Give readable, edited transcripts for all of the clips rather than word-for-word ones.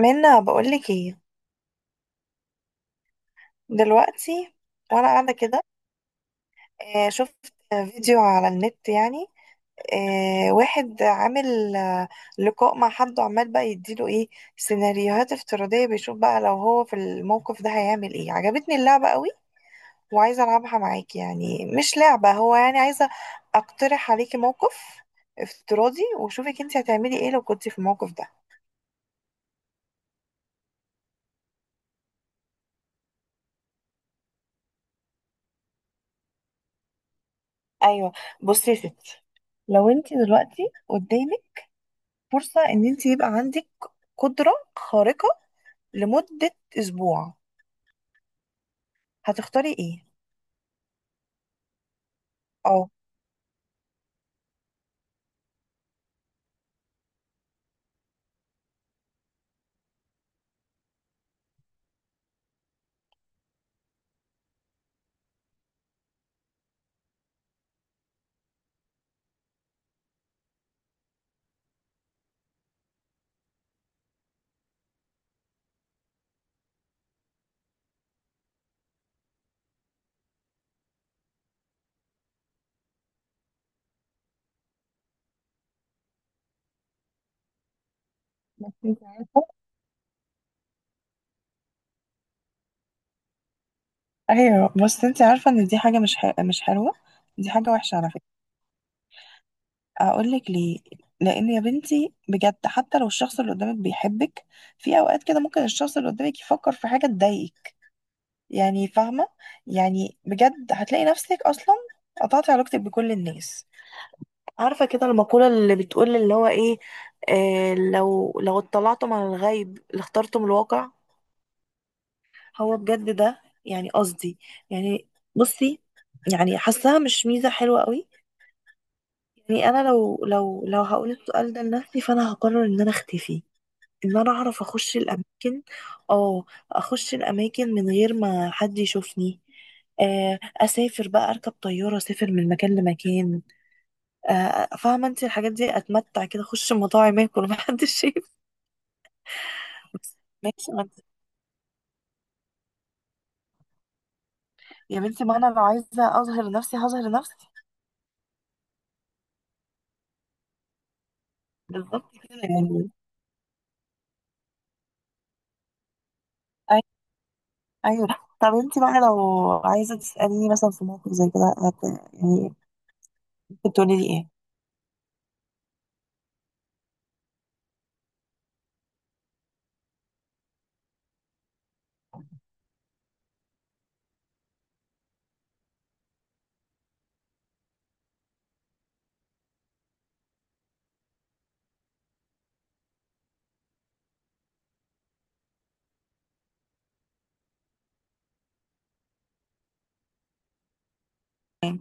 منا بقولك ايه دلوقتي، وانا قاعده كده. شفت فيديو على النت، يعني واحد عامل لقاء مع حد وعمال بقى يديله ايه، سيناريوهات افتراضيه، بيشوف بقى لو هو في الموقف ده هيعمل ايه. عجبتني اللعبه قوي، وعايزه العبها معاكي، يعني مش لعبه، هو يعني عايزه اقترح عليكي موقف افتراضي وشوفك انت هتعملي ايه لو كنتي في الموقف ده. ايوه، بصي يا ستي، لو انت دلوقتي قدامك فرصة ان انت يبقى عندك قدرة خارقة لمدة اسبوع، هتختاري ايه؟ اه، بس انت عارفة. ايوه، بس انت عارفة ان دي حاجة مش حلوة. دي حاجة وحشة على فكرة. هقولك ليه. لان يا بنتي بجد، حتى لو الشخص اللي قدامك بيحبك، في اوقات كده ممكن الشخص اللي قدامك يفكر في حاجة تضايقك، يعني فاهمة؟ يعني بجد هتلاقي نفسك اصلا قطعتي علاقتك بكل الناس. عارفة كده المقولة اللي بتقول اللي هو ايه، لو اطلعتم على الغيب لاخترتم الواقع. هو بجد ده، يعني قصدي، يعني، بصي، يعني حاساها مش ميزة حلوة قوي. يعني انا لو هقول السؤال ده لنفسي، فانا هقرر ان انا اختفي، ان انا اعرف اخش الاماكن. اه. اخش الاماكن من غير ما حد يشوفني. اسافر بقى اركب طياره، اسافر من مكان لمكان. فاهمه انت الحاجات دي، اتمتع كده اخش مطاعم اكل ومحدش شايف. بس ماشي، ما انت يا بنتي، ما انا لو عايزه اظهر نفسي هظهر نفسي. بالظبط كده، يعني أي- ايوه. طب انت بقى لو عايزه تساليني مثلا في موقف زي كده يعني كنت تقولي لي ايه؟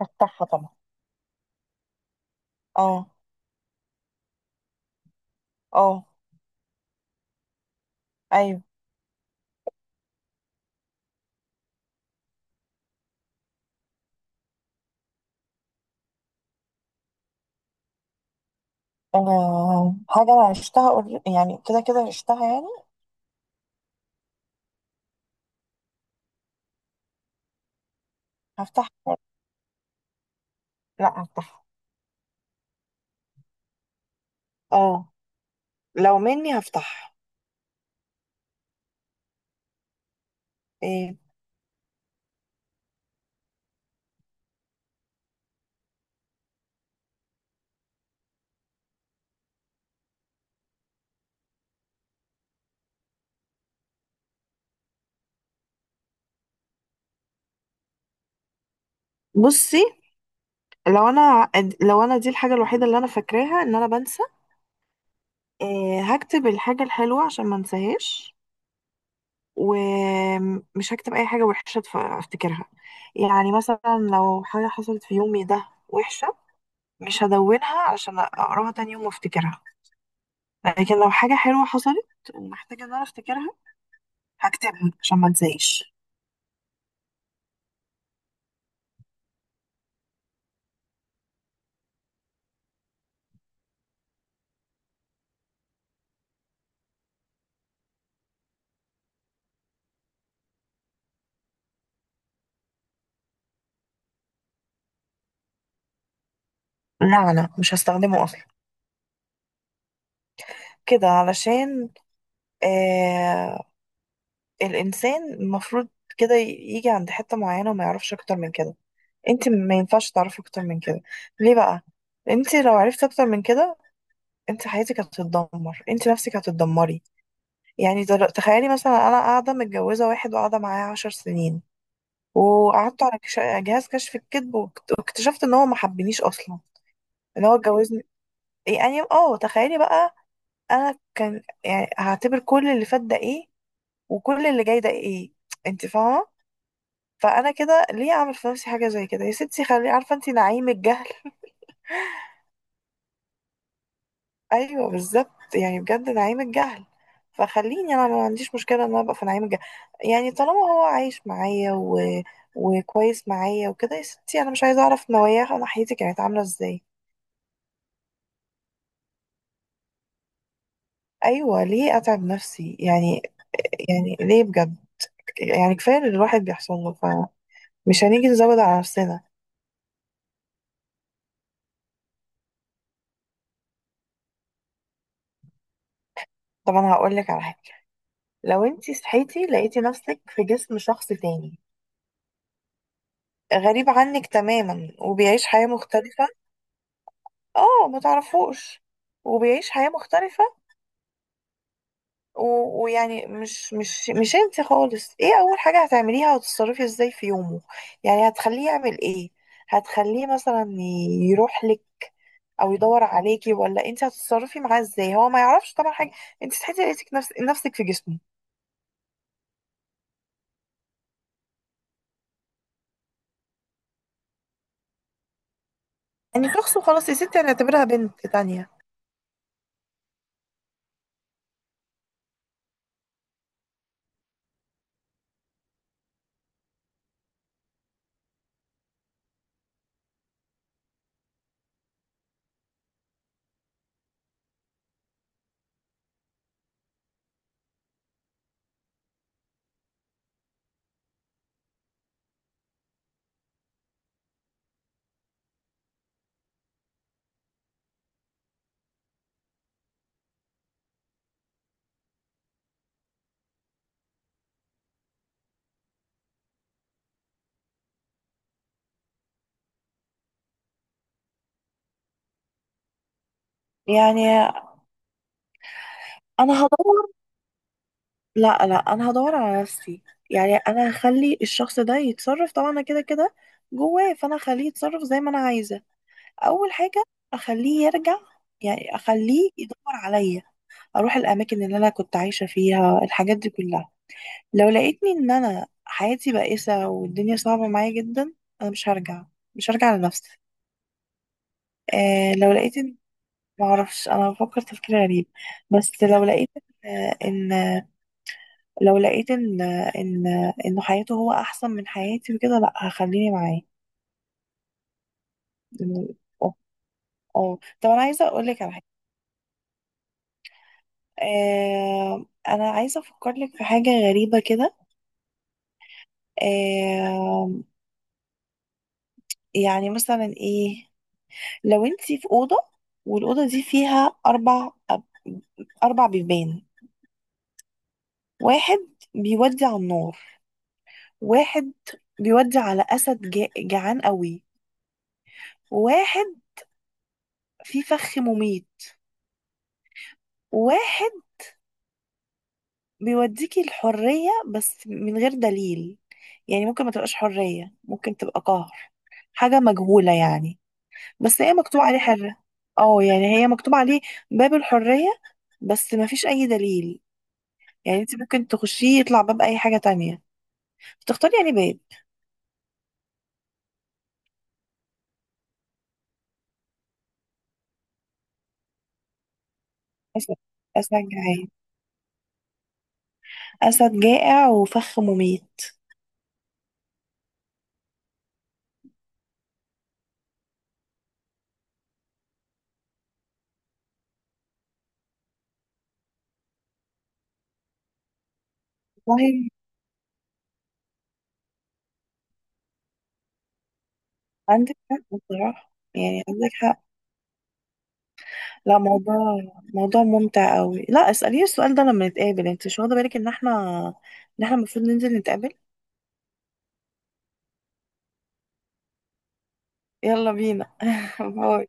افتحها طبعا. اه. اه. ايوه. انا حاجه انا عشتها يعني كده كده عشتها يعني. هفتحها، لا هفتحها. اه، لو مني هفتحها. إيه، بصي. لو انا لو انا دي الحاجه الوحيده اللي انا فاكراها ان انا بنسى. هكتب الحاجه الحلوه عشان ما انساهاش. ومش هكتب اي حاجه وحشه افتكرها. يعني مثلا لو حاجه حصلت في يومي ده وحشه، مش هدونها عشان اقراها تاني يوم وافتكرها. لكن لو حاجه حلوه حصلت ومحتاجه ان انا افتكرها، هكتبها عشان ما انساهاش. لا لا، مش هستخدمه اصلا، كده علشان آه الانسان المفروض كده يجي عند حته معينه وما يعرفش اكتر من كده. انت ما ينفعش تعرفي اكتر من كده. ليه بقى؟ انت لو عرفتي اكتر من كده، انت حياتك هتتدمر، انت نفسك هتتدمري. يعني تخيلي مثلا انا قاعده متجوزه واحد وقاعده معاه 10 سنين، وقعدت على جهاز كشف الكذب واكتشفت ان هو ما حبنيش اصلا، ان هو اتجوزني. يعني اه تخيلي بقى، انا كان يعني هعتبر كل اللي فات ده ايه، وكل اللي جاي ده ايه؟ انت فاهمه؟ فانا كده ليه اعمل في نفسي حاجه زي كده؟ يا ستي، خلي عارفه انت نعيم الجهل. ايوه بالظبط، يعني بجد نعيم الجهل. فخليني انا ما عنديش مشكله ان انا ابقى في نعيم الجهل. يعني طالما هو عايش معايا وكويس معايا وكده، يا ستي انا مش عايزه اعرف نواياه ناحيتي كانت عامله ازاي. ايوه، ليه اتعب نفسي يعني؟ يعني ليه بجد؟ يعني كفايه اللي الواحد بيحصل له، فمش هنيجي نزود على نفسنا. طب انا هقول لك على حاجه، لو انتي صحيتي لقيتي نفسك في جسم شخص تاني، غريب عنك تماما وبيعيش حياه مختلفه. اه ما تعرفوش. وبيعيش حياة مختلفة و... ويعني مش انت خالص، ايه اول حاجة هتعمليها وتتصرفي ازاي في يومه؟ يعني هتخليه يعمل ايه؟ هتخليه مثلا يروح لك، او يدور عليكي، ولا انت هتتصرفي معاه ازاي؟ هو ما يعرفش طبعا حاجة. انت صحيتي لقيتك نفسك في جسمه. يعني شخص وخلاص، يا ستي هنعتبرها بنت تانية. يعني انا هدور، لا لا انا هدور على نفسي. يعني انا هخلي الشخص ده يتصرف، طبعا انا كده كده جواه، فانا هخليه يتصرف زي ما انا عايزه. اول حاجه اخليه يرجع، يعني اخليه يدور عليا. اروح الاماكن اللي انا كنت عايشه فيها، الحاجات دي كلها. لو لقيتني ان انا حياتي بائسه والدنيا صعبه معايا جدا، انا مش هرجع، مش هرجع لنفسي. لو لقيت ان معرفش، انا بفكر تفكير غريب، بس لو لقيت ان لو لقيت ان ان انه حياته هو احسن من حياتي وكده، لا هخليني معاه. إنه- اه. اه طب انا عايزه اقول لك على حاجه. انا عايزه افكر لك في حاجه غريبه كده. آه يعني مثلا ايه، لو انتي في اوضه والاوضه دي فيها اربع بيبان. واحد بيودي على النار، واحد بيودي على اسد جعان قوي، واحد فيه فخ مميت، واحد بيوديكي الحرية، بس من غير دليل. يعني ممكن ما تبقاش حرية، ممكن تبقى قهر، حاجة مجهولة يعني، بس هي مكتوب عليه حرة. اه يعني هي مكتوب عليه باب الحرية، بس ما فيش أي دليل. يعني انت ممكن تخشيه يطلع باب أي حاجة تانية. تختاري يعني باب أسد، أسد جعان، أسد جائع وفخ مميت. والله عندك حق بصراحة، يعني عندك حق. لا، موضوع، موضوع ممتع قوي، لا اسأليني السؤال ده لما نتقابل، انت مش واخدة بالك ان احنا المفروض ننزل نتقابل. يلا بينا. باي.